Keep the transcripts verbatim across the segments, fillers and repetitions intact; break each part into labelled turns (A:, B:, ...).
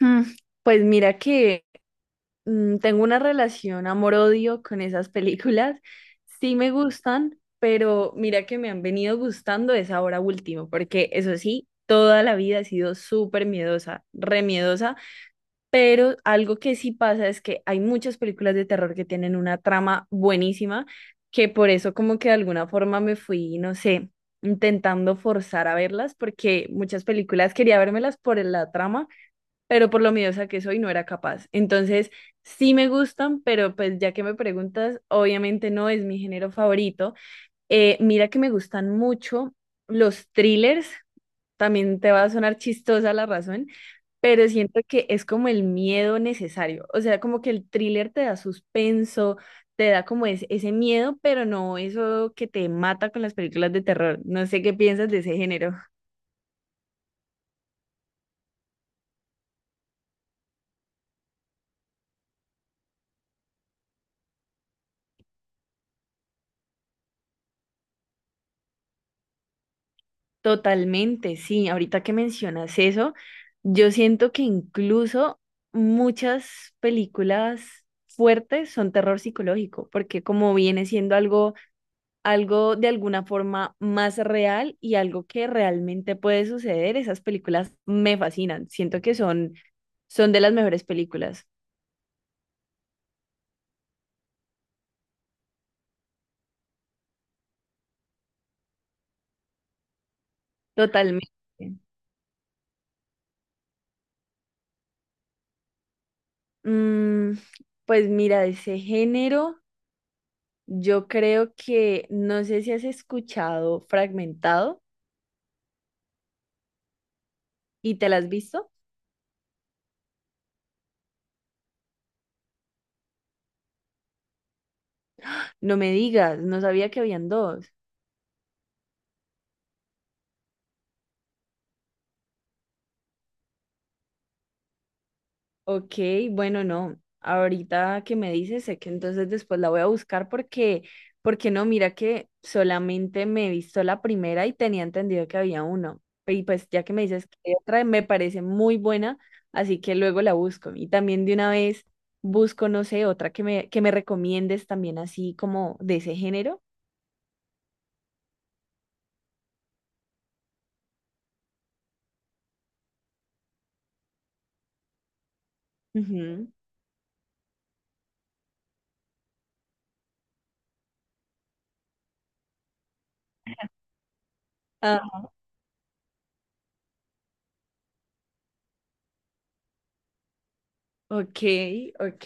A: Mm, Pues mira que mm, tengo una relación amor-odio con esas películas. Sí me gustan, pero mira que me han venido gustando es ahora último, porque eso sí, toda la vida he sido súper miedosa, re miedosa, pero algo que sí pasa es que hay muchas películas de terror que tienen una trama buenísima, que por eso como que de alguna forma me fui, no sé, intentando forzar a verlas, porque muchas películas quería vérmelas por la trama pero por lo miedosa que soy no era capaz. Entonces, sí me gustan, pero pues ya que me preguntas, obviamente no es mi género favorito. Eh, mira que me gustan mucho los thrillers, también te va a sonar chistosa la razón, pero siento que es como el miedo necesario, o sea, como que el thriller te da suspenso. Te da como es- ese miedo, pero no eso que te mata con las películas de terror. No sé qué piensas de ese género. Totalmente, sí. Ahorita que mencionas eso, yo siento que incluso muchas películas fuertes son terror psicológico, porque como viene siendo algo, algo de alguna forma más real y algo que realmente puede suceder, esas películas me fascinan. Siento que son, son de las mejores películas. Totalmente. Mm, pues mira, de ese género, yo creo que, no sé si has escuchado Fragmentado. ¿Y te la has visto? No me digas, no sabía que habían dos. Ok, bueno, no. Ahorita que me dices, sé que entonces después la voy a buscar porque, porque no, mira que solamente me he visto la primera y tenía entendido que había uno. Y pues ya que me dices que hay otra, me parece muy buena, así que luego la busco. Y también de una vez busco, no sé, otra que me, que me recomiendes también así como de ese género. Ujú. Ok, ok,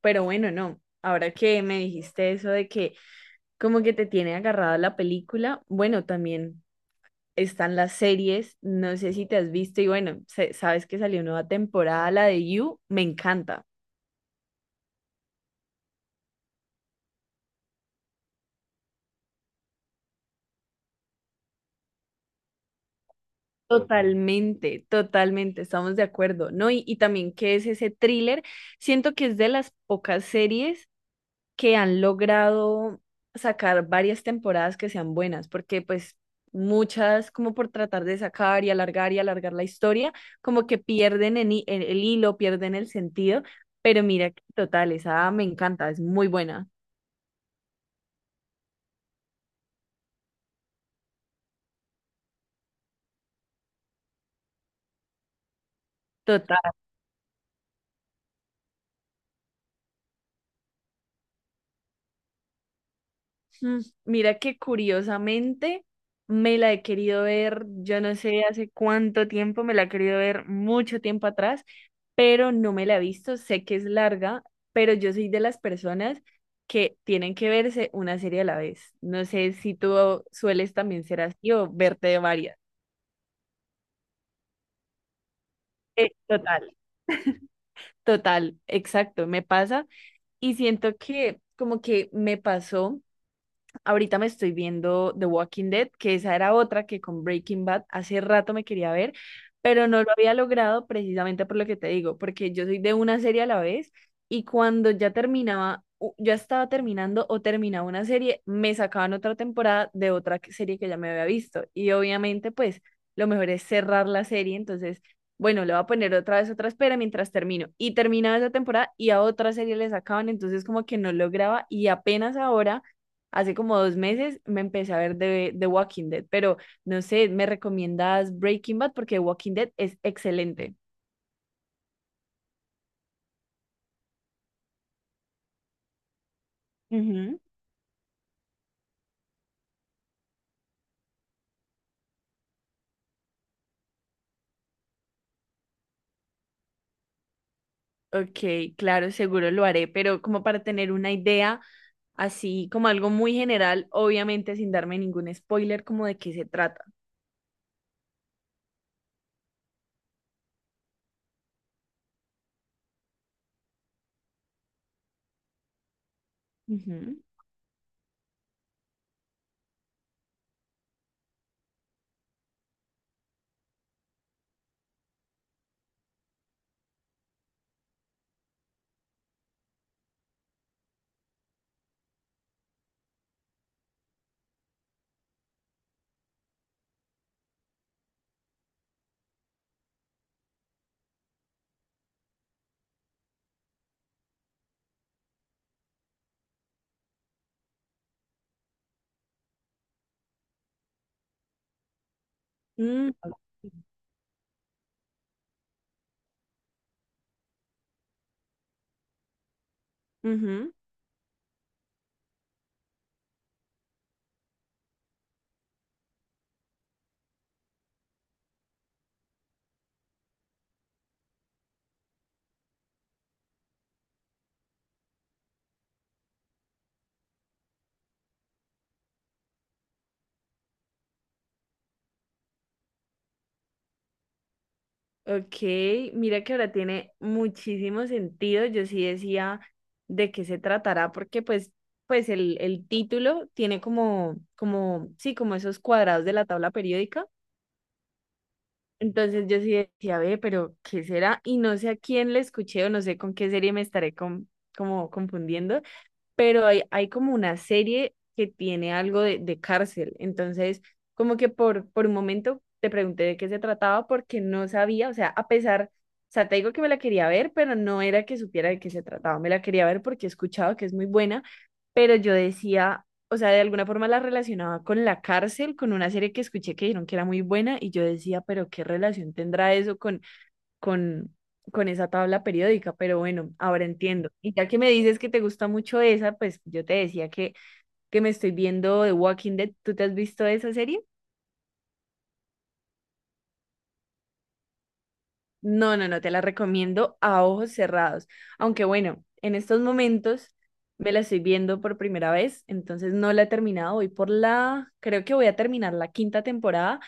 A: pero bueno, no. Ahora que me dijiste eso de que como que te tiene agarrada la película, bueno, también están las series, no sé si te has visto y bueno, se- sabes que salió nueva temporada, la de You, me encanta. Totalmente, totalmente, estamos de acuerdo, ¿no? Y, y también que es ese thriller, siento que es de las pocas series que han logrado sacar varias temporadas que sean buenas, porque pues muchas como por tratar de sacar y alargar y alargar la historia, como que pierden en hi- el, el hilo, pierden el sentido, pero mira, total, esa me encanta, es muy buena. Mm, Mira que curiosamente me la he querido ver, yo no sé hace cuánto tiempo, me la he querido ver mucho tiempo atrás, pero no me la he visto, sé que es larga, pero yo soy de las personas que tienen que verse una serie a la vez. No sé si tú sueles también ser así o verte de varias. Eh, total, total, exacto, me pasa y siento que como que me pasó. Ahorita me estoy viendo The Walking Dead, que esa era otra que con Breaking Bad hace rato me quería ver, pero no lo había logrado precisamente por lo que te digo, porque yo soy de una serie a la vez y cuando ya terminaba, u- ya estaba terminando o terminaba una serie, me sacaban otra temporada de otra que- serie que ya me había visto. Y obviamente, pues lo mejor es cerrar la serie, entonces, bueno, le voy a poner otra vez otra espera mientras termino. Y terminaba esa temporada y a otra serie le sacaban, entonces como que no lograba y apenas ahora hace como dos meses me empecé a ver de The Walking Dead, pero no sé, ¿me recomiendas Breaking Bad? Porque The Walking Dead es excelente. Ujú. Ok, claro, seguro lo haré, pero como para tener una idea, así como algo muy general, obviamente sin darme ningún spoiler, como de qué se trata. Ujú. Mm, Ok. Ujú. Ok, mira que ahora tiene muchísimo sentido. Yo sí decía de qué se tratará, porque pues, pues el, el título tiene como, como, sí, como esos cuadrados de la tabla periódica. Entonces yo sí decía, ve, pero ¿qué será? Y no sé a quién le escuché o no sé con qué serie me estaré con- como confundiendo, pero hay, hay como una serie que tiene algo de, de cárcel. Entonces, como que por, por un momento te pregunté de qué se trataba porque no sabía, o sea, a pesar, o sea, te digo que me la quería ver, pero no era que supiera de qué se trataba, me la quería ver porque he escuchado que es muy buena, pero yo decía, o sea, de alguna forma la relacionaba con la cárcel, con una serie que escuché que dijeron que era muy buena y yo decía, pero ¿qué relación tendrá eso con con, con esa tabla periódica, pero bueno, ahora entiendo. Y ya que me dices que te gusta mucho esa, pues yo te decía que, que me estoy viendo The Walking Dead. ¿Tú te has visto esa serie? No, no, no, te la recomiendo a ojos cerrados. Aunque bueno, en estos momentos me la estoy viendo por primera vez, entonces no la he terminado. Voy por la, creo que voy a terminar la quinta temporada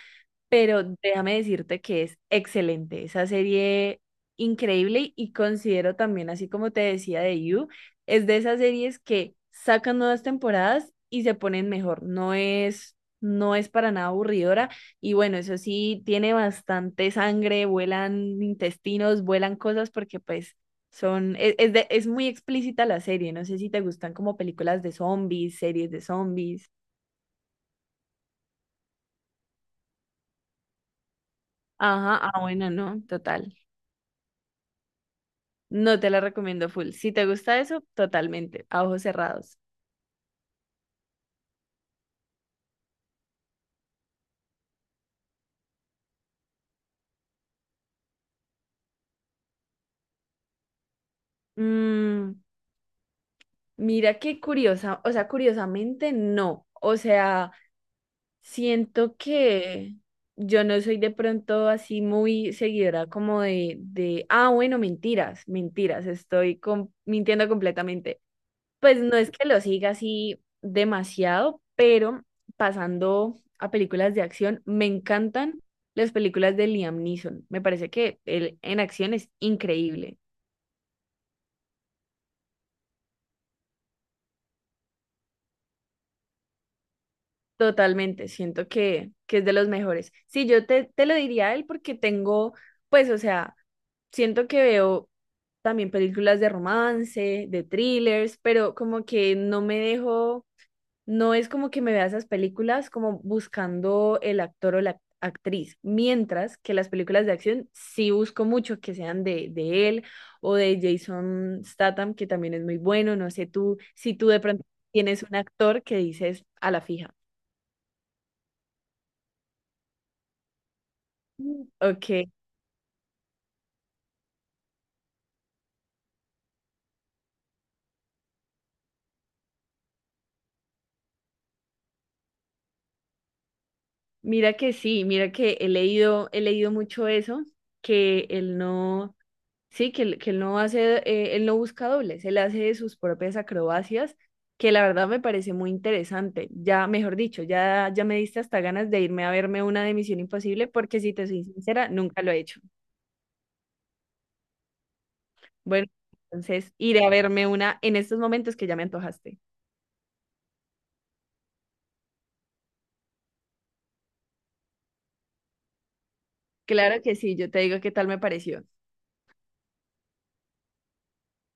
A: pero déjame decirte que es excelente, esa serie increíble y considero también, así como te decía de You, es de esas series que sacan nuevas temporadas y se ponen mejor, no es, no es para nada aburridora y bueno, eso sí, tiene bastante sangre, vuelan intestinos, vuelan cosas porque pues... Son, es, es de- es muy explícita la serie, no sé si te gustan como películas de zombies, series de zombies. Ajá, ah, bueno, no, total. No te la recomiendo full. Si te gusta eso, totalmente, a ojos cerrados. Mm, mira qué curiosa, o sea, curiosamente no. O sea, siento que yo no soy de pronto así muy seguidora como de, de, ah, bueno, mentiras, mentiras, estoy com- mintiendo completamente. Pues no es que lo siga así demasiado, pero pasando a películas de acción, me encantan las películas de Liam Neeson. Me parece que él en acción es increíble. Totalmente, siento que, que es de los mejores. Sí, yo te, te lo diría a él porque tengo, pues, o sea, siento que veo también películas de romance, de thrillers, pero como que no me dejo No es como que me vea esas películas como buscando el actor o la actriz, mientras que las películas de acción sí busco mucho que sean de, de él o de Jason Statham, que también es muy bueno. No sé tú si tú de pronto tienes un actor que dices a la fija. Mm. Ok, mira que sí, mira que he leído, he leído mucho eso, que él no Sí, que él, que él no hace, eh, él no busca dobles, él hace sus propias acrobacias, que la verdad me parece muy interesante. Ya, mejor dicho, ya, ya me diste hasta ganas de irme a verme una de Misión Imposible, porque si te soy sincera, nunca lo he hecho. Bueno, entonces iré a verme una en estos momentos que ya me antojaste. Claro que sí, yo te digo qué tal me pareció.